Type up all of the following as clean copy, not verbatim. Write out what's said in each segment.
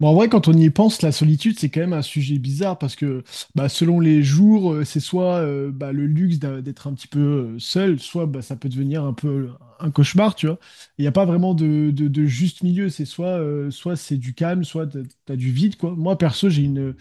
Bon, en vrai, quand on y pense, la solitude, c'est quand même un sujet bizarre parce que bah, selon les jours, c'est soit bah, le luxe d'être un petit peu seul, soit bah, ça peut devenir un peu un cauchemar, tu vois. Il n'y a pas vraiment de juste milieu, c'est soit, soit c'est du calme, soit t'as du vide, quoi. Moi, perso, j'ai une,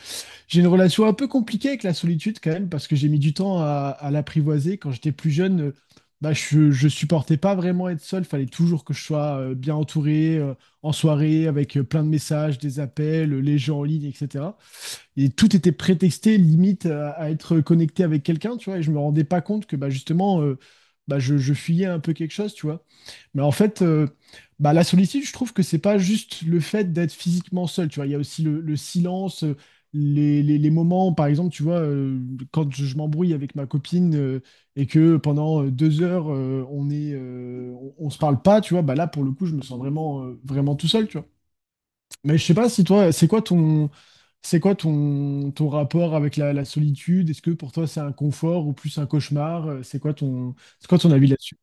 j'ai une relation un peu compliquée avec la solitude quand même, parce que j'ai mis du temps à l'apprivoiser. Quand j'étais plus jeune, bah, je supportais pas vraiment être seul. Fallait toujours que je sois bien entouré, en soirée, avec plein de messages, des appels, les gens en ligne, etc. Et tout était prétexté, limite, à être connecté avec quelqu'un, tu vois. Et je me rendais pas compte que bah, justement, bah, je fuyais un peu quelque chose, tu vois. Mais en fait, bah, la solitude, je trouve que c'est pas juste le fait d'être physiquement seul, tu vois. Il y a aussi le silence, les moments, par exemple, tu vois, quand je m'embrouille avec ma copine et que pendant 2 heures, on se parle pas, tu vois, bah là, pour le coup, je me sens vraiment, vraiment tout seul, tu vois. Mais je sais pas si toi, c'est quoi ton rapport avec la solitude? Est-ce que pour toi, c'est un confort ou plus un cauchemar? C'est quoi ton, c'est quoi ton avis là-dessus?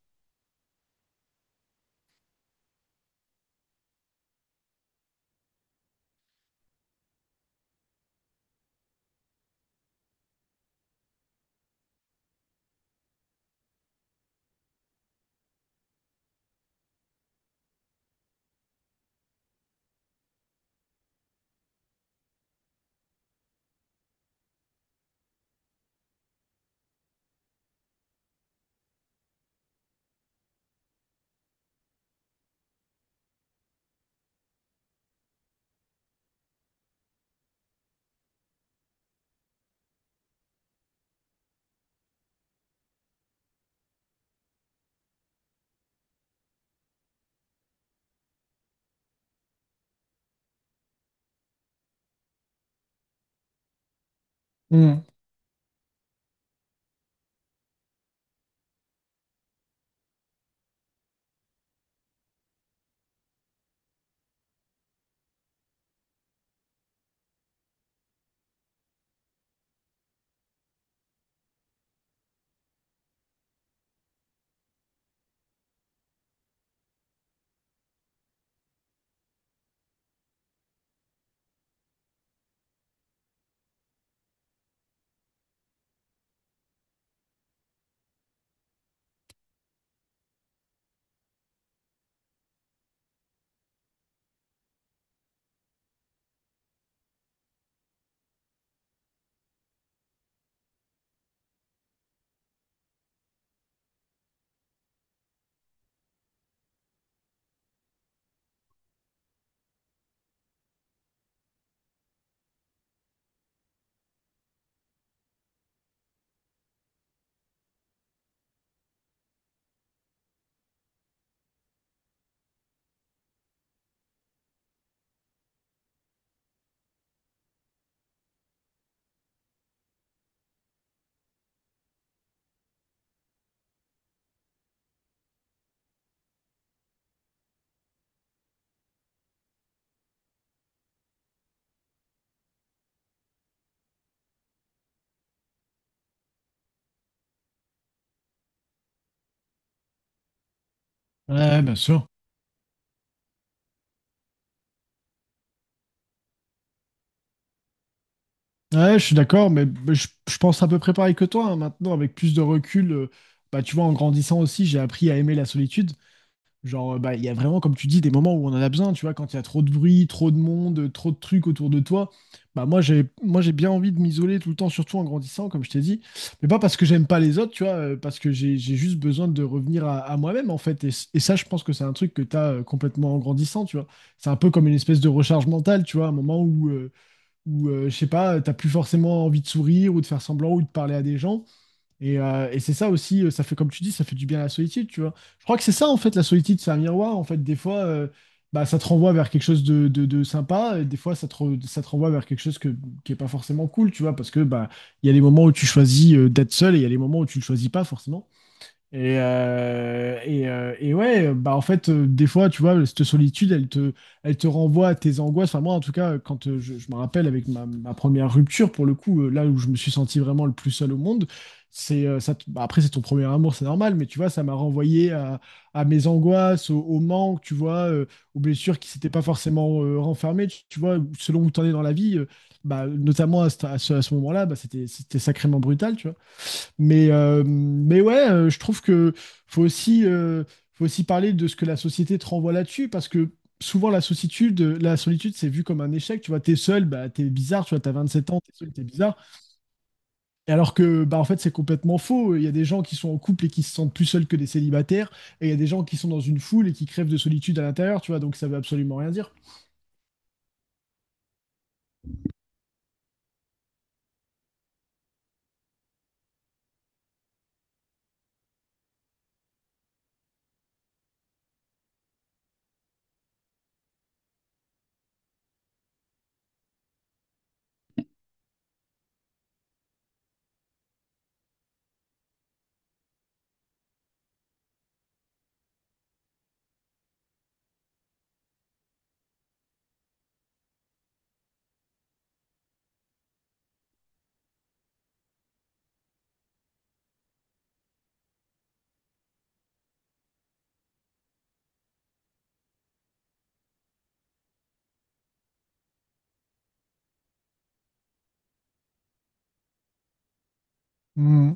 Mmh. Ouais, bien sûr. Ouais, je suis d'accord, mais je pense à peu près pareil que toi, hein. Maintenant, avec plus de recul, bah, tu vois, en grandissant aussi, j'ai appris à aimer la solitude. Genre, bah, il y a vraiment, comme tu dis, des moments où on en a besoin. Tu vois, quand il y a trop de bruit, trop de monde, trop de trucs autour de toi, bah, moi, j'ai bien envie de m'isoler tout le temps, surtout en grandissant, comme je t'ai dit. Mais pas parce que j'aime pas les autres, tu vois, parce que j'ai juste besoin de revenir à moi-même, en fait. Et ça, je pense que c'est un truc que t'as as complètement en grandissant, tu vois. C'est un peu comme une espèce de recharge mentale, tu vois, un moment où, je sais pas, t'as plus forcément envie de sourire ou de faire semblant ou de parler à des gens. Et c'est ça aussi, ça fait, comme tu dis, ça fait du bien à la solitude, tu vois. Je crois que c'est ça, en fait, la solitude, c'est un miroir. En fait, des fois, bah, ça te renvoie vers quelque chose de sympa, et des fois, ça te renvoie vers quelque chose qui est pas forcément cool, tu vois, parce que bah, il y a les moments où tu choisis d'être seul et il y a les moments où tu le choisis pas, forcément. Et ouais, bah en fait, des fois, tu vois, cette solitude, elle te renvoie à tes angoisses. Enfin, moi, en tout cas, quand je me rappelle avec ma première rupture, pour le coup, là où je me suis senti vraiment le plus seul au monde, c'est bah, après, c'est ton premier amour, c'est normal, mais tu vois, ça m'a renvoyé à mes angoisses, au manque, tu vois, aux blessures qui s'étaient pas forcément renfermées. Tu vois, selon où tu en es dans la vie, bah, notamment à ce moment-là, bah, c'était sacrément brutal, tu vois. Mais ouais, je trouve que faut aussi, euh, faut aussi parler de ce que la société te renvoie là-dessus, parce que souvent la solitude, c'est vu comme un échec. Tu vois, t'es seul, bah t'es bizarre, tu vois, t'as 27 ans, t'es seul, t'es bizarre. Et alors que, bah en fait, c'est complètement faux. Il y a des gens qui sont en couple et qui se sentent plus seuls que des célibataires, et il y a des gens qui sont dans une foule et qui crèvent de solitude à l'intérieur, tu vois, donc ça veut absolument rien dire. Mm.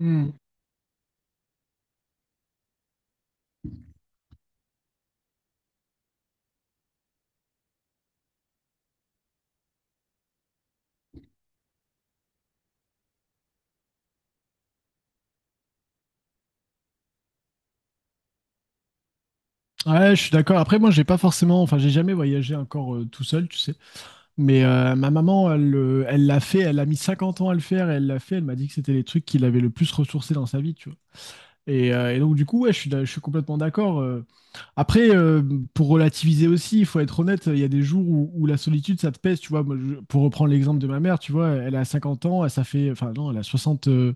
Mm. Ouais, je suis d'accord. Après, moi, j'ai pas forcément, enfin, j'ai jamais voyagé encore tout seul, tu sais. Mais ma maman, elle, elle l'a fait, elle a mis 50 ans à le faire, et elle l'a fait, elle m'a dit que c'était les trucs qui l'avaient le plus ressourcé dans sa vie, tu vois. Et donc du coup, ouais, je suis complètement d'accord. Après, pour relativiser aussi, il faut être honnête, il y a des jours où la solitude, ça te pèse, tu vois. Moi, pour reprendre l'exemple de ma mère, tu vois, elle a 50 ans, elle, ça fait, enfin non, elle a 60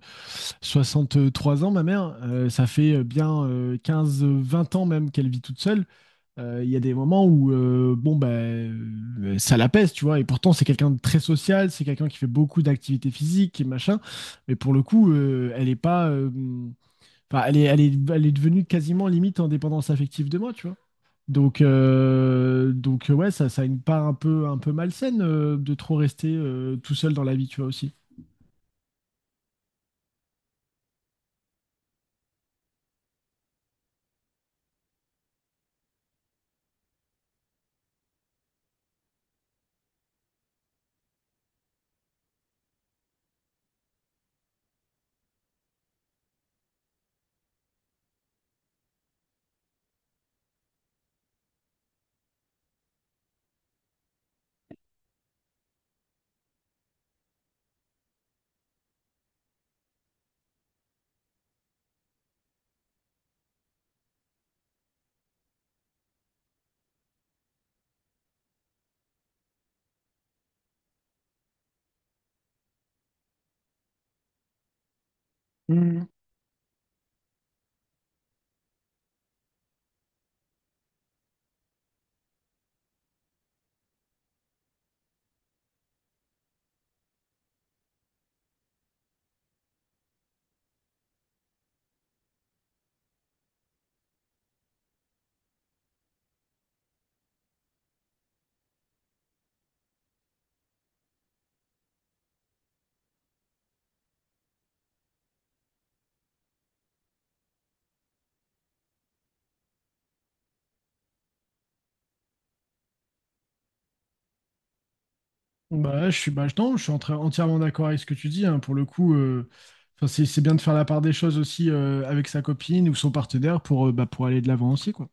trois ans, ma mère. Ça fait bien 15-20 ans même qu'elle vit toute seule. Il y a des moments où bon ben ça la pèse, tu vois, et pourtant c'est quelqu'un de très social, c'est quelqu'un qui fait beaucoup d'activités physiques et machin, mais pour le coup, elle est pas, enfin elle est devenue quasiment limite en dépendance affective de moi, tu vois. Donc ouais, ça a une part un peu malsaine de trop rester tout seul dans la vie, tu vois aussi. Bah, je suis, bah, je- non, je suis en entièrement d'accord avec ce que tu dis, hein. Pour le coup, enfin, c'est bien de faire la part des choses aussi avec sa copine ou son partenaire pour aller de l'avant aussi, quoi.